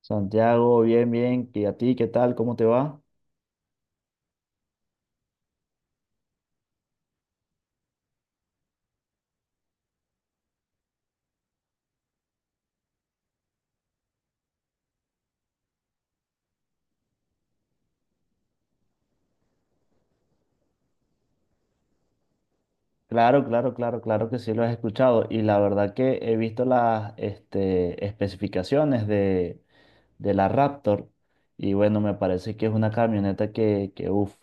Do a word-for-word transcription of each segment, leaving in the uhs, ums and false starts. Santiago, bien, bien. ¿Y a ti qué tal? ¿Cómo te va? Claro, claro, claro, claro que sí lo has escuchado. Y la verdad que he visto las este, especificaciones de, de la Raptor. Y bueno, me parece que es una camioneta que, que uf,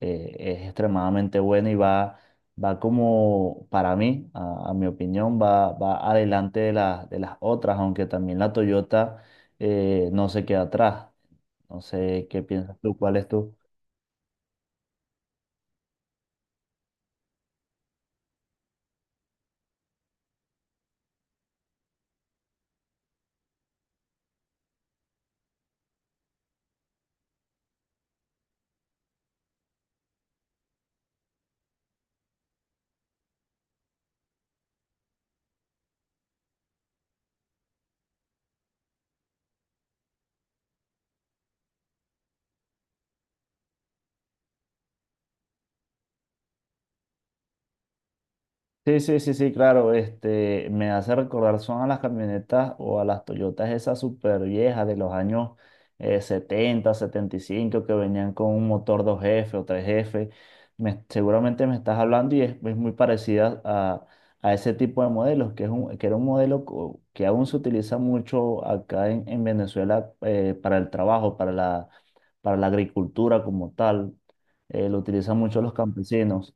eh, es extremadamente buena y va, va como, para mí, a, a mi opinión, va, va adelante de, la- de las otras, aunque también la Toyota eh, no se queda atrás. No sé qué piensas tú, cuál es tú. Sí, sí, sí, sí, claro, este, me hace recordar, son a las camionetas o a las Toyotas esas súper viejas de los años eh, setenta, setenta y cinco que venían con un motor dos f o tres f. Me- seguramente me estás hablando y es, es muy parecida a, a ese tipo de modelos, que, es un, que era un modelo co- que aún se utiliza mucho acá en, en Venezuela eh, para el trabajo, para la, para la agricultura como tal. Eh, lo utilizan mucho los campesinos.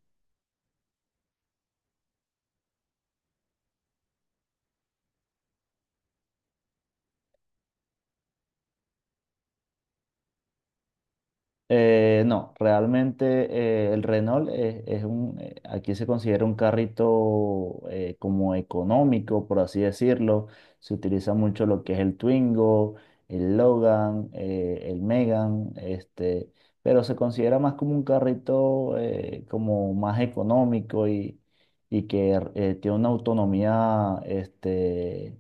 Eh, no, realmente eh, el Renault es, es un, eh, aquí se considera un carrito eh, como económico, por así decirlo. Se utiliza mucho lo que es el Twingo, el Logan, eh, el Megan, este, pero se considera más como un carrito eh, como más económico y, y que eh, tiene una autonomía este,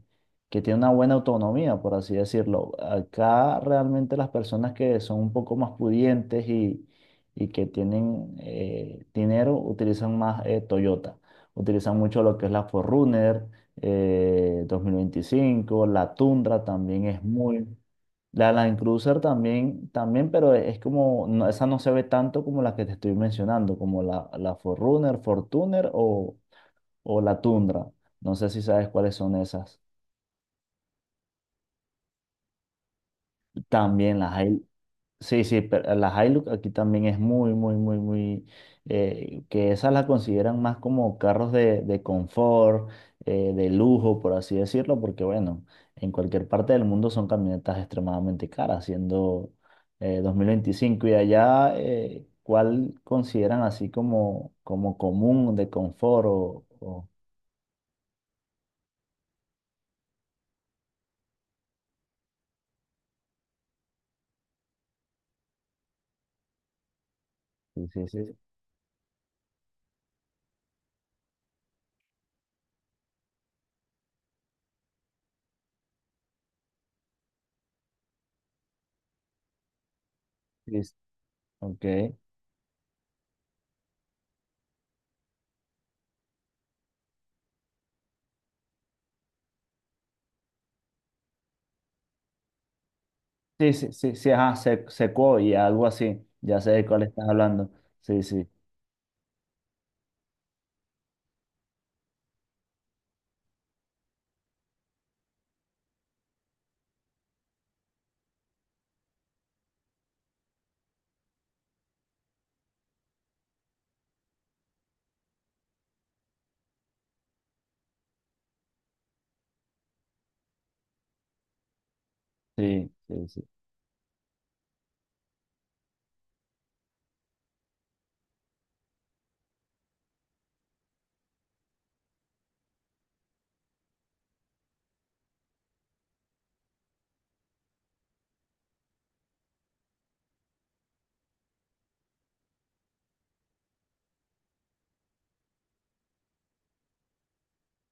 que tiene una buena autonomía, por así decirlo. Acá realmente las personas que son un poco más pudientes y, y que tienen eh, dinero utilizan más eh, Toyota. Utilizan mucho lo que es la cuatro dos mil veinticinco. La Tundra también es muy... La Land Cruiser también, también, pero es como, no- esa no se ve tanto como la que te estoy mencionando, como la, la cuatro Fortuner o, o la Tundra. No sé si sabes cuáles son esas. También las hay, sí, sí, pero las Hilux aquí también es muy, muy, muy, muy, eh, que esas las consideran más como carros de, de confort, eh, de lujo, por así decirlo, porque bueno, en cualquier parte del mundo son camionetas extremadamente caras, siendo eh, dos mil veinticinco. Y allá, eh, ¿cuál consideran así como, como común de confort o, o- sí, sí, sí, sí, ok. Sí, sí, sí, sí, ajá, se, Sequoia, algo así. Ya sé de cuál estás hablando. Sí, sí, sí, sí, sí.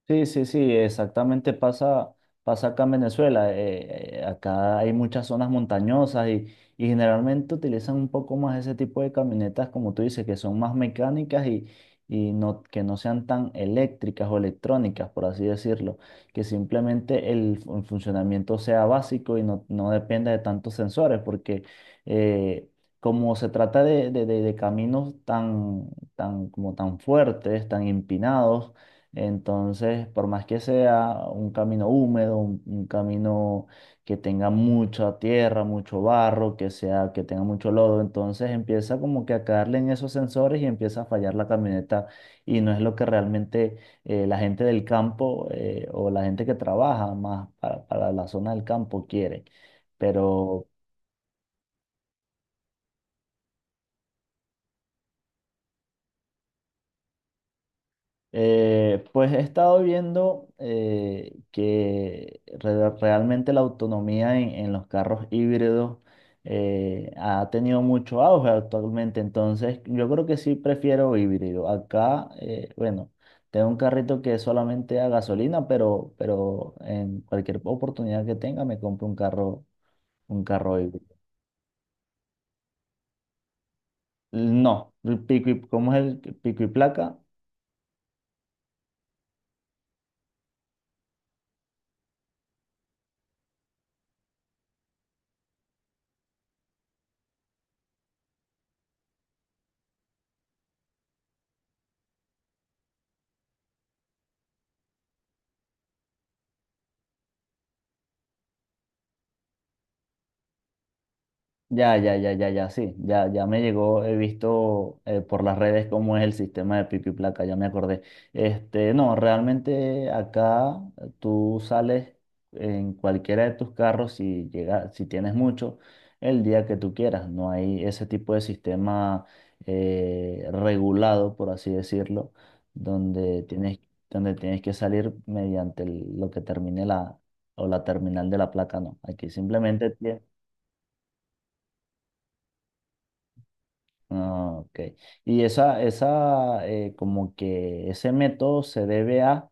Sí, sí, sí, exactamente pasa, pasa acá en Venezuela. Eh, eh, acá hay muchas zonas montañosas y, y generalmente utilizan un poco más ese tipo de camionetas, como tú dices, que son más mecánicas y, y no, que no sean tan eléctricas o electrónicas, por así decirlo. Que simplemente el, fun- funcionamiento sea básico y no, no dependa de tantos sensores, porque eh, como se trata de, de- de- de caminos tan, tan, como tan fuertes, tan empinados, entonces, por más que sea un camino húmedo, un, un camino que tenga mucha tierra, mucho barro, que sea, que tenga mucho lodo, entonces empieza como que a caerle en esos sensores y empieza a fallar la camioneta. Y no es lo que realmente eh, la gente del campo eh, o la gente que trabaja más para, para la zona del campo quiere. Pero, Eh, pues he estado viendo eh, que re- realmente la autonomía en, en los carros híbridos eh, ha tenido mucho auge actualmente, entonces yo creo que sí prefiero híbrido. Acá, eh, bueno, tengo un carrito que es solamente a gasolina, pero, pero en cualquier oportunidad que tenga me compro un carro, un carro híbrido. No, el pico y, ¿cómo es el pico y placa? Ya, ya, ya, ya, ya, sí, ya, ya me llegó, he visto eh, por las redes cómo es el sistema de pico y placa, ya me acordé. Este, no, realmente acá eh, tú sales en cualquiera de tus carros si llega, si tienes mucho, el día que tú quieras. No hay ese tipo de sistema eh, regulado, por así decirlo, donde tienes, donde tienes que salir mediante el- lo que termine la, o la terminal de la placa, no. Aquí simplemente tienes. Ah, ok. Y esa, esa, eh, como que ese método se debe a.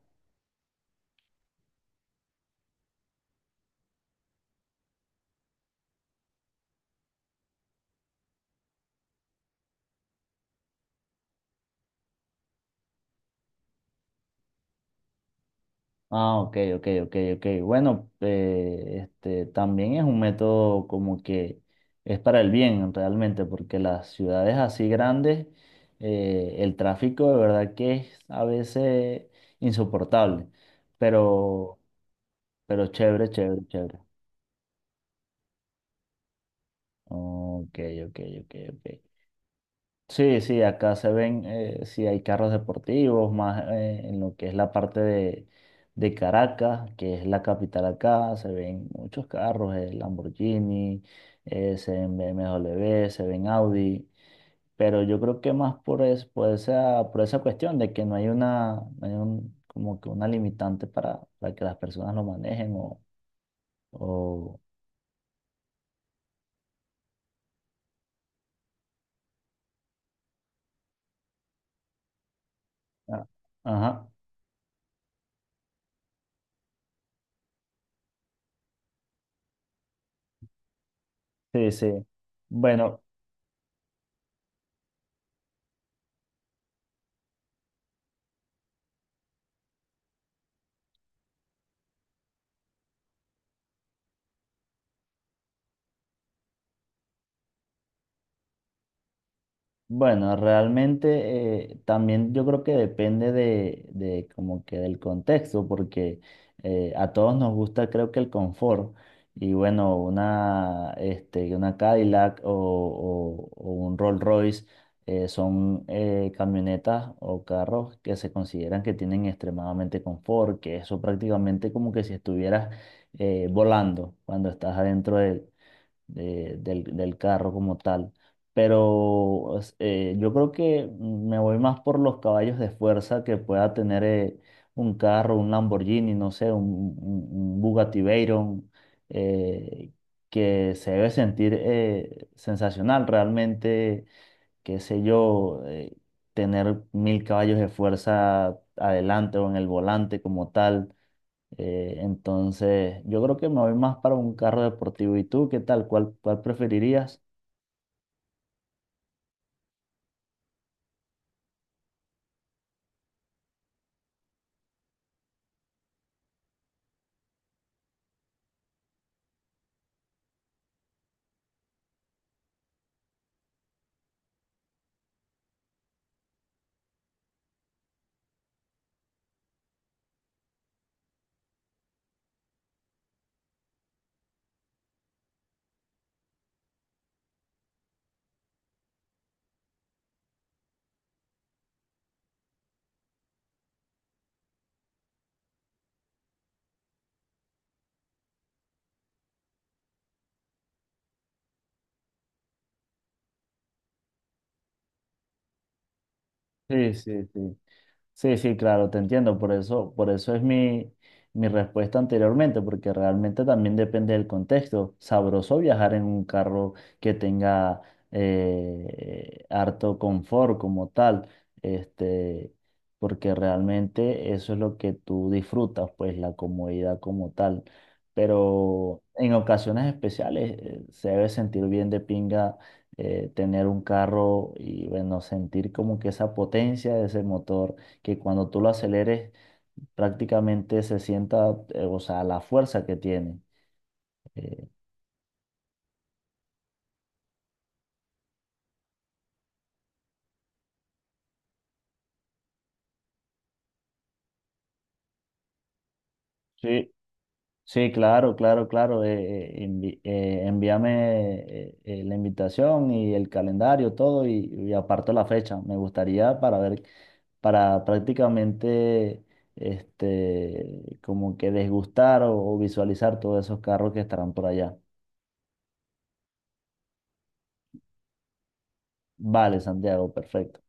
Ah, ok, ok, ok, ok. Bueno, eh, este también es un método como que es para el bien realmente, porque las ciudades así grandes, eh, el tráfico de verdad que es a veces insoportable. Pero, pero chévere, chévere, chévere. Ok, ok, ok, ok. Sí, sí, acá se ven, eh, sí hay carros deportivos, más eh, en lo que es la parte de, de Caracas, que es la capital acá, se ven muchos carros, eh, Lamborghini, eh, se ven B M W, se ven Audi, pero yo creo que más por, es, por esa, por esa cuestión de que no hay una, no hay un- como que una limitante para, para que las personas lo manejen o, o- ah, ajá, sí, sí. Bueno. Bueno, realmente eh, también yo creo que depende de, de como que del contexto, porque eh, a todos nos gusta creo que el confort y bueno, una, este, una Cadillac o, o- o un Rolls Royce eh, son eh, camionetas o carros que se consideran que tienen extremadamente confort, que eso prácticamente como que si estuvieras eh, volando cuando estás adentro de él de- del, del carro como tal. Pero es- eh, yo creo que me voy más por los caballos de fuerza que pueda tener eh, un carro, un Lamborghini, no sé, un, un- un Bugatti Veyron, eh, que se debe sentir eh, sensacional realmente, qué sé yo, eh, tener mil caballos de fuerza adelante o en el volante como tal. Eh, entonces, yo creo que me voy más para un carro deportivo. ¿Y tú qué tal? ¿Cuál, cuál preferirías? Sí, sí, sí. Sí, sí, claro, te entiendo. Por eso, por eso es mi, mi respuesta anteriormente, porque realmente también depende del contexto. Sabroso viajar en un carro que tenga eh, harto confort como tal, este, porque realmente eso es lo que tú disfrutas, pues la comodidad como tal. Pero en ocasiones especiales eh, se debe sentir bien de pinga. Eh, tener un carro y bueno, sentir como que esa potencia de ese motor que cuando tú lo aceleres prácticamente se sienta, eh, o sea, la fuerza que tiene. Eh, sí, sí, claro, claro, claro. Eh, eh, envi- eh, envíame eh, eh, la invitación y el calendario, todo, y, y aparto la fecha. Me gustaría para ver, para prácticamente, este, como que desgustar o o visualizar todos esos carros que estarán por allá. Vale, Santiago, perfecto.